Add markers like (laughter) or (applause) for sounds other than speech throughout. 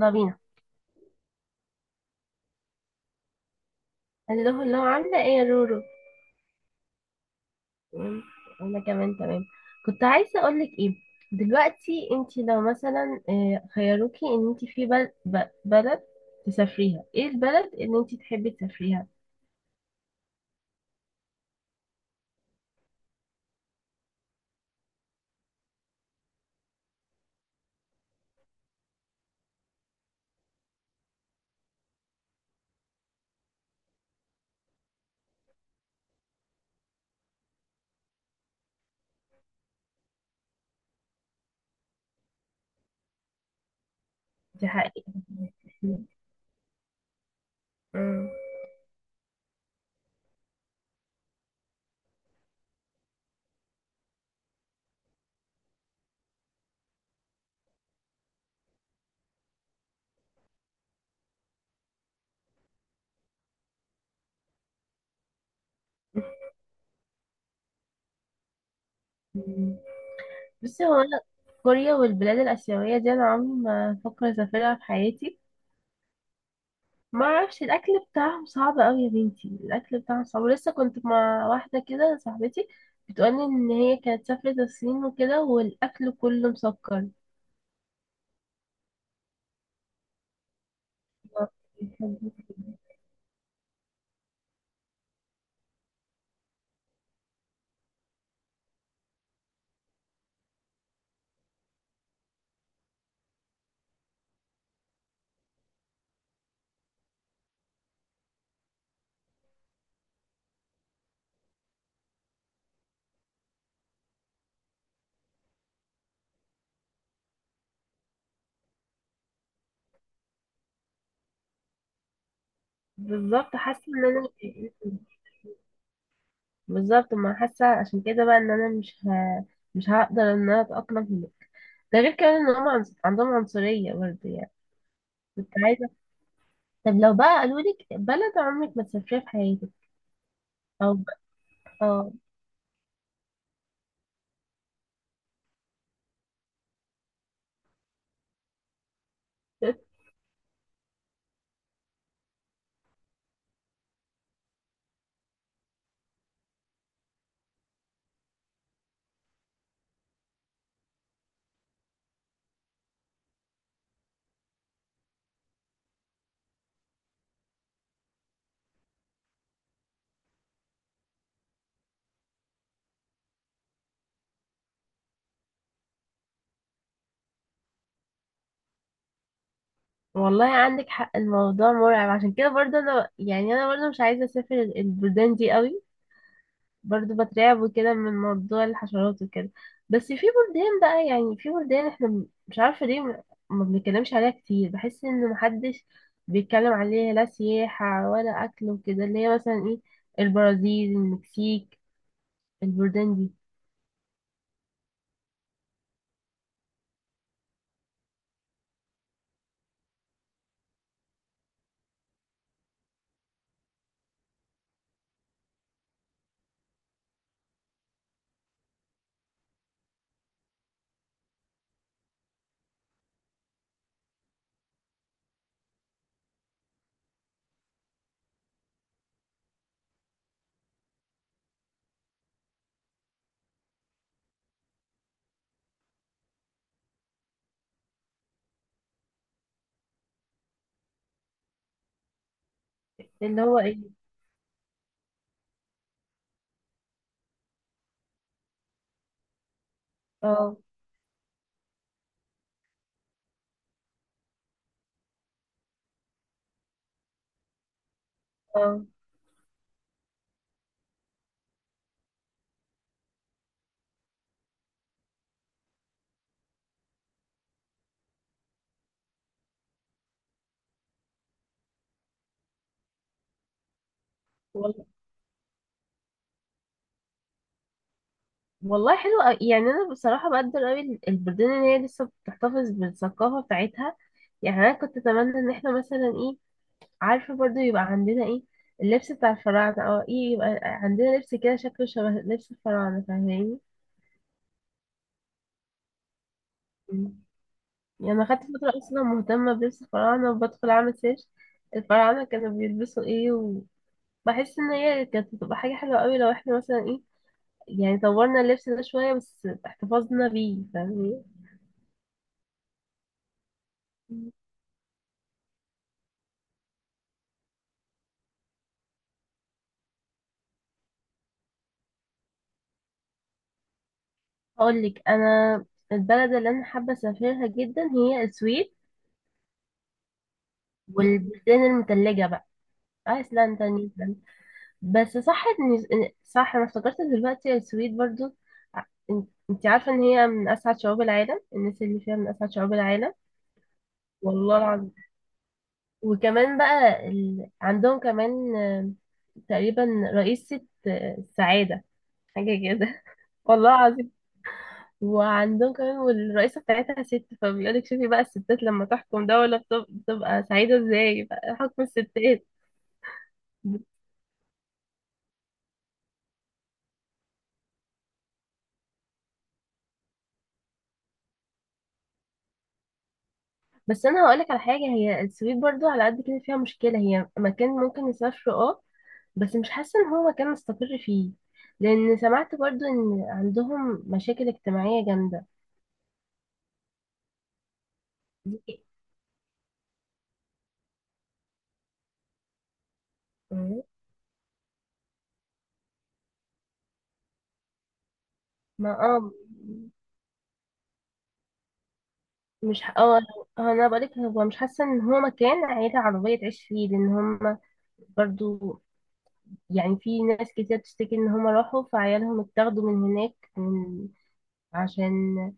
يلا بينا. اللي هو عاملة ايه يا رورو؟ تمام، انا كمان تمام. كنت عايزة اقولك ايه، دلوقتي انتي لو مثلا خيروكي ان انتي في بلد تسافريها، ايه البلد اللي انتي تحبي تسافريها؟ تحققي. مم. بصي هو انا كوريا والبلاد الاسيوية دي انا عمري ما افكر اسافرها في حياتي. ما اعرفش، الاكل بتاعهم صعب قوي يا بنتي، الاكل بتاعهم صعب. ولسه كنت مع واحده كده صاحبتي بتقولي ان هي كانت سافرت الصين وكده والاكل كله مسكر. بالظبط، حاسه ان انا بالظبط، ما حاسه عشان كده بقى ان انا مش هقدر ان انا اتاقلم هنا. ده غير كمان ان هم عندهم عنصريه برضه يعني. كنت عايزه، طب لو بقى قالوا لك بلد عمرك ما تسافريها في حياتك؟ او اه. والله عندك حق، الموضوع مرعب، عشان كده برضه انا يعني انا برضه مش عايزه اسافر البلدان دي قوي. برضه بترعب وكده من موضوع الحشرات وكده. بس في بلدان بقى، يعني في بلدان احنا مش عارفه ليه ما ما بنتكلمش عليها كتير. بحس ان محدش بيتكلم عليها لا سياحه ولا اكل وكده، اللي هي مثلا ايه، البرازيل، المكسيك، البلدان دي. اللي هو ايه؟ اه. اه. والله حلو أوي. يعني انا بصراحه بقدر قوي البلدان اللي هي لسه بتحتفظ بالثقافه بتاعتها. يعني انا كنت اتمنى ان احنا مثلا ايه، عارفه برضو، يبقى عندنا ايه، اللبس بتاع الفراعنه او ايه، يبقى عندنا لبس كده شكله شبه لبس الفراعنه، فاهماني؟ مم. يعني انا خدت فتره اصلا مهتمه بلبس الفراعنه وبدخل اعمل سيرش الفراعنه كانوا بيلبسوا ايه، وبحس ان هي كانت بتبقى حاجه حلوه قوي لو احنا مثلا ايه، يعني طورنا اللبس ده شويه بس احتفظنا بيه، فاهماني؟ هقول لك انا، البلد اللي انا حابه اسافرها جدا هي السويد والبلدان المتلجه بقى، ايسلندا، نيوزيلندا. بس صح صح، انا افتكرت دلوقتي السويد برضو، ع- إن- انت عارفه ان هي من اسعد شعوب العالم، الناس اللي فيها من اسعد شعوب العالم. والله العظيم. وكمان بقى ال... عندهم كمان تقريبا رئيسة السعادة، حاجة كده. (laughs) والله العظيم. وعندهم كمان، والرئيسة بتاعتها ست، فبيقولك شوفي بقى الستات لما تحكم دولة بتبقى سعيدة ازاي بقى حكم الستات. بس انا هقولك على حاجة، هي السويد برضو على قد كده فيها مشكلة، هي مكان ممكن نسافره اه، بس مش حاسة ان هو مكان نستقر فيه، لان سمعت برضو ان عندهم مشاكل اجتماعية جامدة. ما اه مش ح- اه، انا بقولك هو مش حاسة ان هو مكان عيلة عربية تعيش فيه، لان هم برضو، يعني في ناس كتير بتشتكي ان هم راحوا فعيالهم اتاخدوا من هناك من عشان،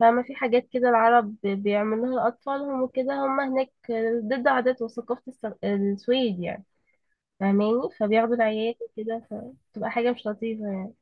فما في حاجات كده العرب بيعملوها لأطفالهم وكده هم هناك ضد عادات وثقافة السويد يعني، فاهماني؟ فبياخدوا العيال وكده فبتبقى حاجة مش لطيفة يعني.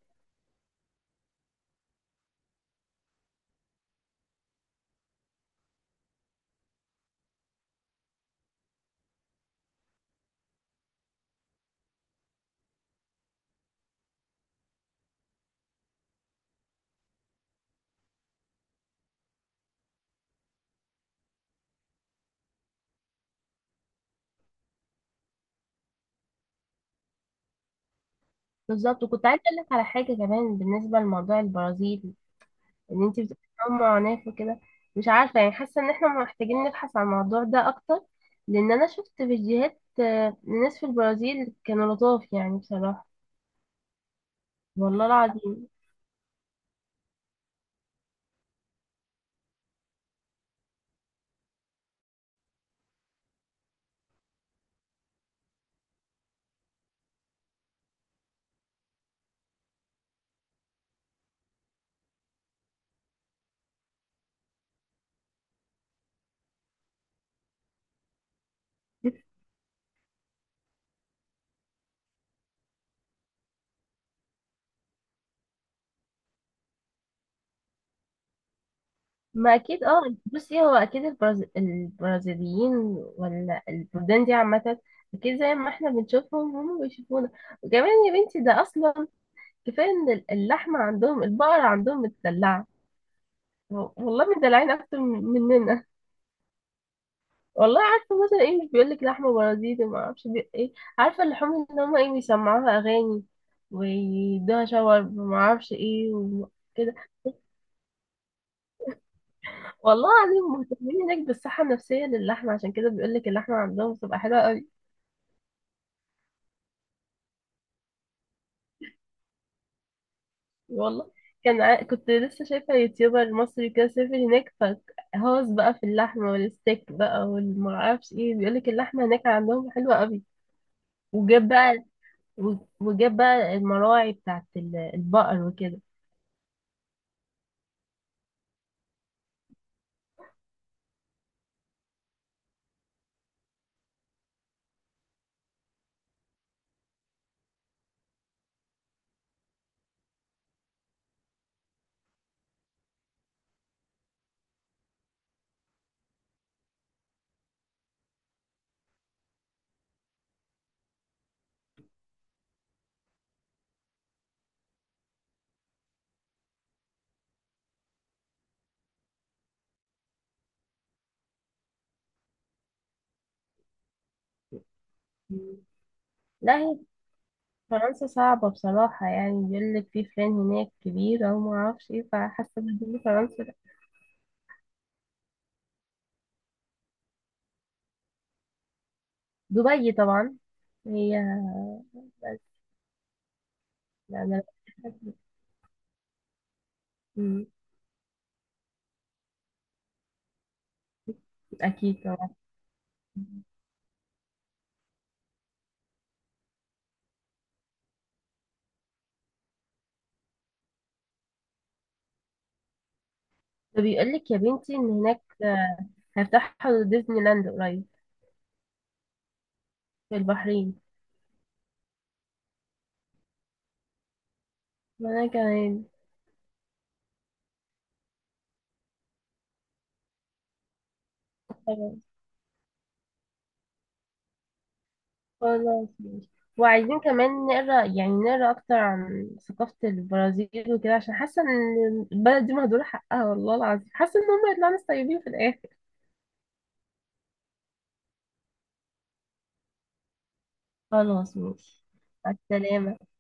بالظبط. وكنت عايزة أقول لك على حاجة كمان بالنسبة لموضوع البرازيل، ان انت بتبقي كمان معاناة وكده، مش عارفة يعني، حاسة ان احنا محتاجين نبحث عن الموضوع ده اكتر، لان انا شفت فيديوهات لناس في البرازيل كانوا لطاف يعني بصراحة. والله العظيم. ما اكيد اه، بصي هو اكيد البرازيليين ولا البلدان دي عامه، اكيد زي ما احنا بنشوفهم هم بيشوفونا. وكمان يا بنتي ده اصلا، كفايه ان اللحمه عندهم، البقر عندهم متدلعه، والله مدلعين اكتر مننا. والله عارفه مثلا ايه، مش بيقول لك لحمه بارازيتي ما اعرفش ايه، عارفه اللحوم ان هم ايه بيسمعوها اغاني ويدوها شاورما ما اعرفش ايه وكده. والله العظيم، مهتمين هناك بالصحه النفسيه للحمه، عشان كده بيقول لك اللحمه عندهم بتبقى حلوه قوي. والله كنت لسه شايفه يوتيوبر مصري كده سافر هناك فهوس بقى في اللحمه والستيك بقى والمعرفش ايه، بيقول لك اللحمه هناك عندهم حلوه قوي. وجاب بقى وجاب بقى المراعي بتاعت البقر وكده. لا، هي فرنسا صعبة بصراحة، يعني بيقول لك في فلان هناك كبيرة وما اعرفش ايه، فحاسة ان فرنسا لا. دبي طبعا، هي بس. لا. أنا مم، أكيد طبعا. فبيقول لك يا بنتي إن هناك هيفتحوا ديزني لاند قريب. في البحرين. وأنا كمان. خلاص. خلاص ماشي. وعايزين كمان نقرا، يعني نقرا أكتر عن ثقافة البرازيل وكده، عشان حاسة إن البلد دي مهدورة حقها، والله العظيم حاسة إن هم يطلعوا ناس طيبين في الآخر. خلاص ماشي. مع السلامة.